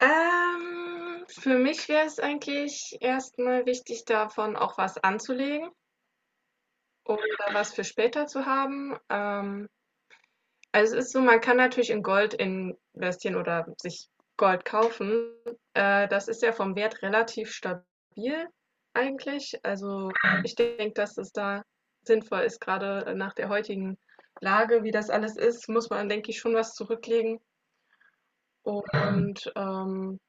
Für mich wäre es eigentlich erst mal wichtig, davon auch was anzulegen oder was für später zu haben. Also es ist so, man kann natürlich in Gold investieren oder sich Gold kaufen. Das ist ja vom Wert relativ stabil eigentlich. Also ich denke, dass es da sinnvoll ist, gerade nach der heutigen Lage, wie das alles ist, muss man, denke ich, schon was zurücklegen. Und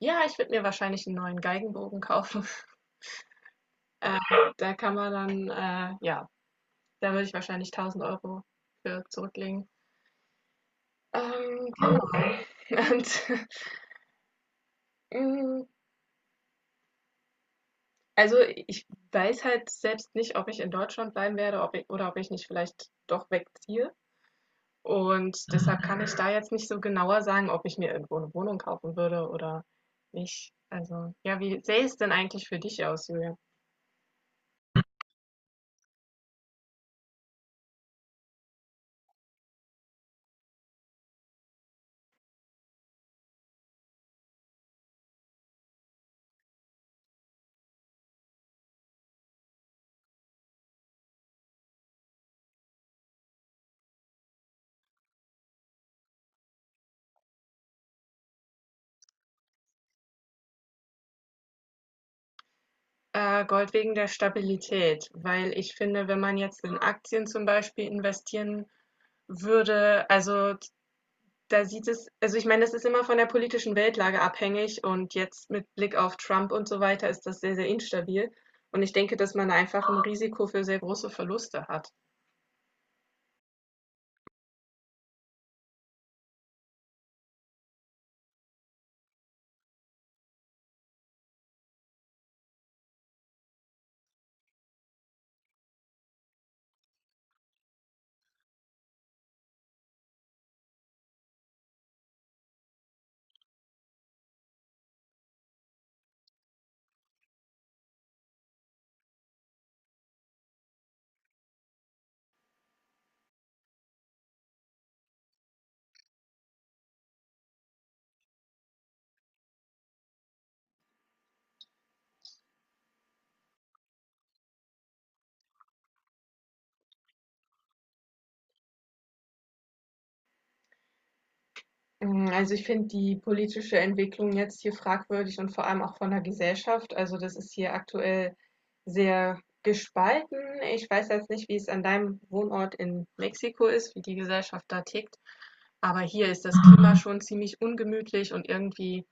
ja, ich würde mir wahrscheinlich einen neuen Geigenbogen kaufen. Äh, Da kann man dann ja, da würde ich wahrscheinlich 1.000 Euro für zurücklegen. Genau. Und, hm, also, ich weiß halt selbst nicht, ob ich in Deutschland bleiben werde, ob i oder ob ich nicht vielleicht doch wegziehe. Und deshalb kann ich da jetzt nicht so genauer sagen, ob ich mir irgendwo eine Wohnung kaufen würde oder nicht. Also, ja, wie sähe es denn eigentlich für dich aus, Julian? Gold wegen der Stabilität, weil ich finde, wenn man jetzt in Aktien zum Beispiel investieren würde, also da sieht es, also ich meine, das ist immer von der politischen Weltlage abhängig und jetzt mit Blick auf Trump und so weiter ist das sehr, sehr instabil. Und ich denke, dass man einfach ein Risiko für sehr große Verluste hat. Also ich finde die politische Entwicklung jetzt hier fragwürdig und vor allem auch von der Gesellschaft. Also das ist hier aktuell sehr gespalten. Ich weiß jetzt nicht, wie es an deinem Wohnort in Mexiko ist, wie die Gesellschaft da tickt. Aber hier ist das Klima schon ziemlich ungemütlich und irgendwie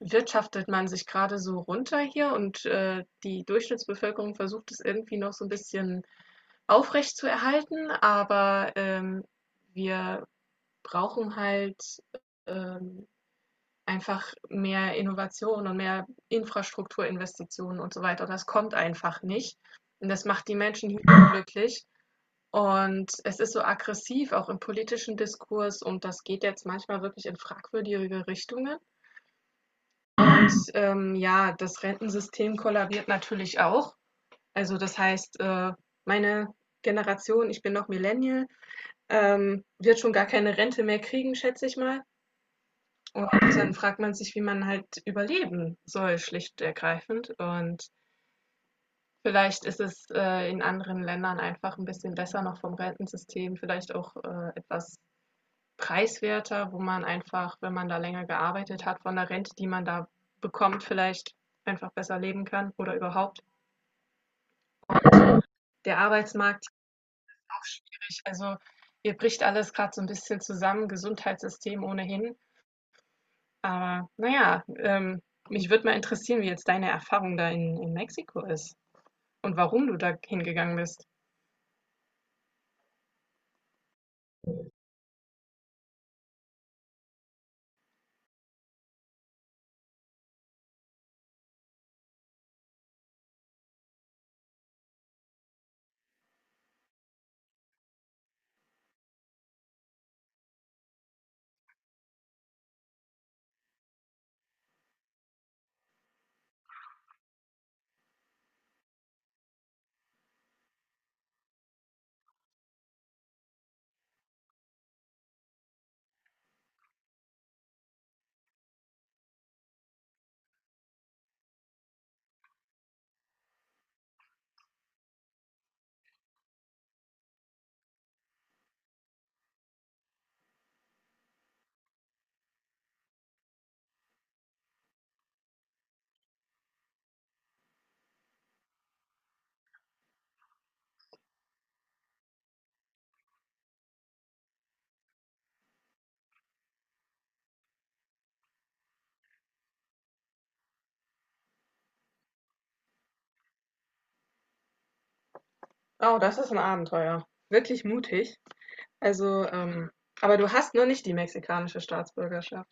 wirtschaftet man sich gerade so runter hier und die Durchschnittsbevölkerung versucht es irgendwie noch so ein bisschen aufrecht zu erhalten. Aber wir brauchen halt ähm, einfach mehr Innovation und mehr Infrastrukturinvestitionen und so weiter. Und das kommt einfach nicht. Und das macht die Menschen hier unglücklich. Und es ist so aggressiv, auch im politischen Diskurs. Und das geht jetzt manchmal wirklich in fragwürdige Richtungen. Und ja, das Rentensystem kollabiert natürlich auch. Also das heißt, meine Generation, ich bin noch Millennial, wird schon gar keine Rente mehr kriegen, schätze ich mal. Und dann fragt man sich, wie man halt überleben soll, schlicht und ergreifend. Und vielleicht ist es in anderen Ländern einfach ein bisschen besser noch vom Rentensystem, vielleicht auch etwas preiswerter, wo man einfach, wenn man da länger gearbeitet hat, von der Rente, die man da bekommt, vielleicht einfach besser leben kann oder überhaupt. Der Arbeitsmarkt ist auch schwierig. Also hier bricht alles gerade so ein bisschen zusammen, Gesundheitssystem ohnehin. Aber na ja, mich würde mal interessieren, wie jetzt deine Erfahrung da in Mexiko ist und warum du da hingegangen bist. Oh, das ist ein Abenteuer. Wirklich mutig. Also, aber du hast nur nicht die mexikanische Staatsbürgerschaft.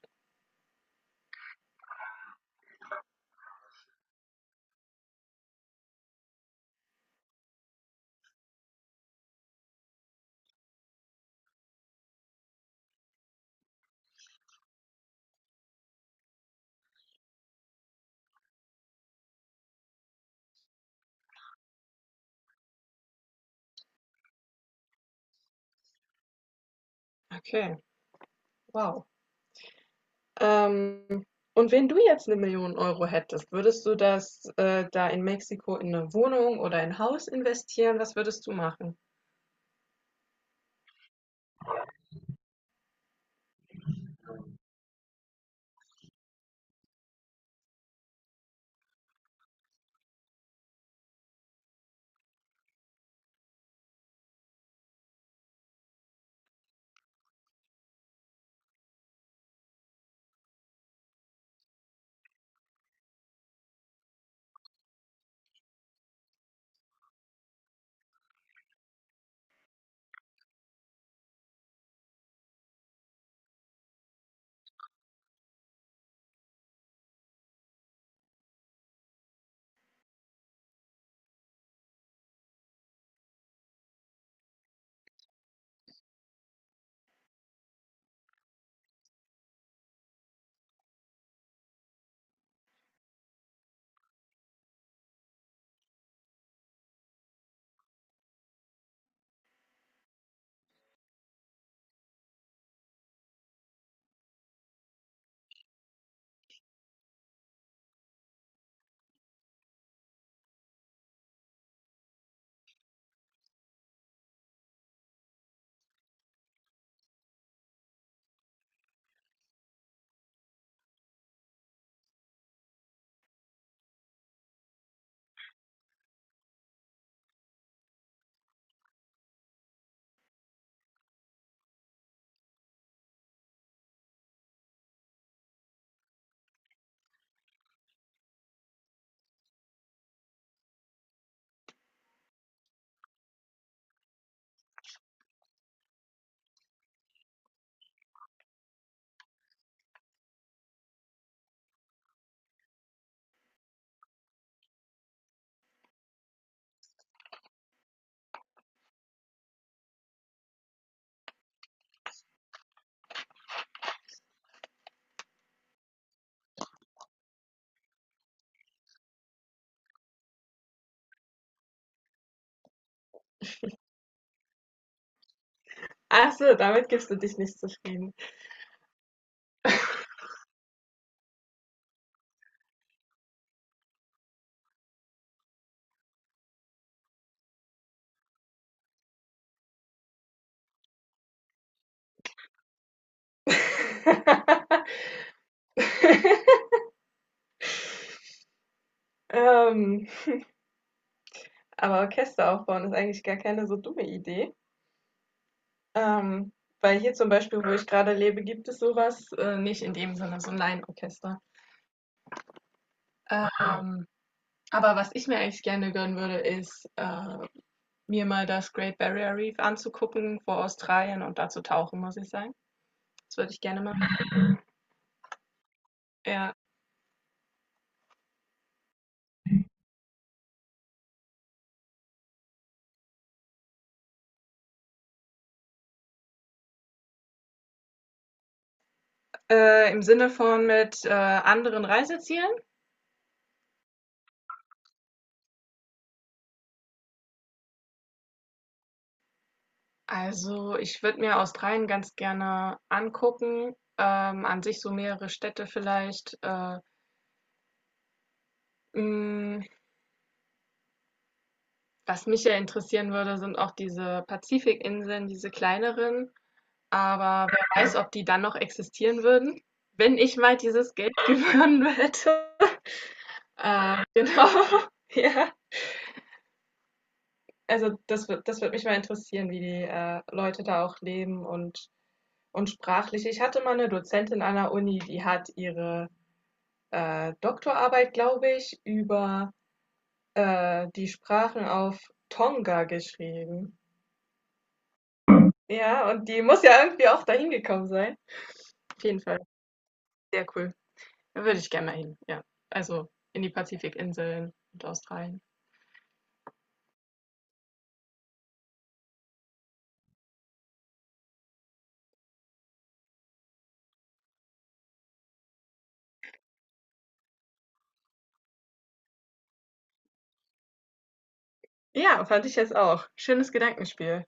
Okay. Wow. Ähm, und wenn du jetzt eine Million Euro hättest, würdest du das da in Mexiko in eine Wohnung oder in ein Haus investieren? Was würdest du machen? Ach so, damit gibst du dich nicht zufrieden. ähm, Aber Orchester aufbauen ist eigentlich gar keine so dumme Idee. Ähm, Weil hier zum Beispiel, wo ich gerade lebe, gibt es sowas nicht in dem Sinne, so ein Laienorchester. Ähm, aber was ich mir eigentlich gerne gönnen würde, ist, mir mal das Great Barrier Reef anzugucken vor Australien und da zu tauchen, muss ich sagen. Das würde ich gerne machen. Ja. Im Sinne von mit anderen Reisezielen. Also ich würde mir Australien ganz gerne angucken. An sich so mehrere Städte vielleicht. Mh, Was mich ja interessieren würde, sind auch diese Pazifikinseln, diese kleineren. Aber wer weiß, ob die dann noch existieren würden, wenn ich mal dieses Geld gewonnen hätte. Genau. Ja. Also das wird mich mal interessieren, wie die Leute da auch leben und sprachlich. Ich hatte mal eine Dozentin an der Uni, die hat ihre Doktorarbeit, glaube ich, über die Sprachen auf Tonga geschrieben. Ja, und die muss ja irgendwie auch dahin gekommen sein. Auf jeden Fall, sehr cool. Da würde ich gerne mal hin. Ja, also in die Pazifikinseln und Australien. Ja, fand ich jetzt auch. Schönes Gedankenspiel.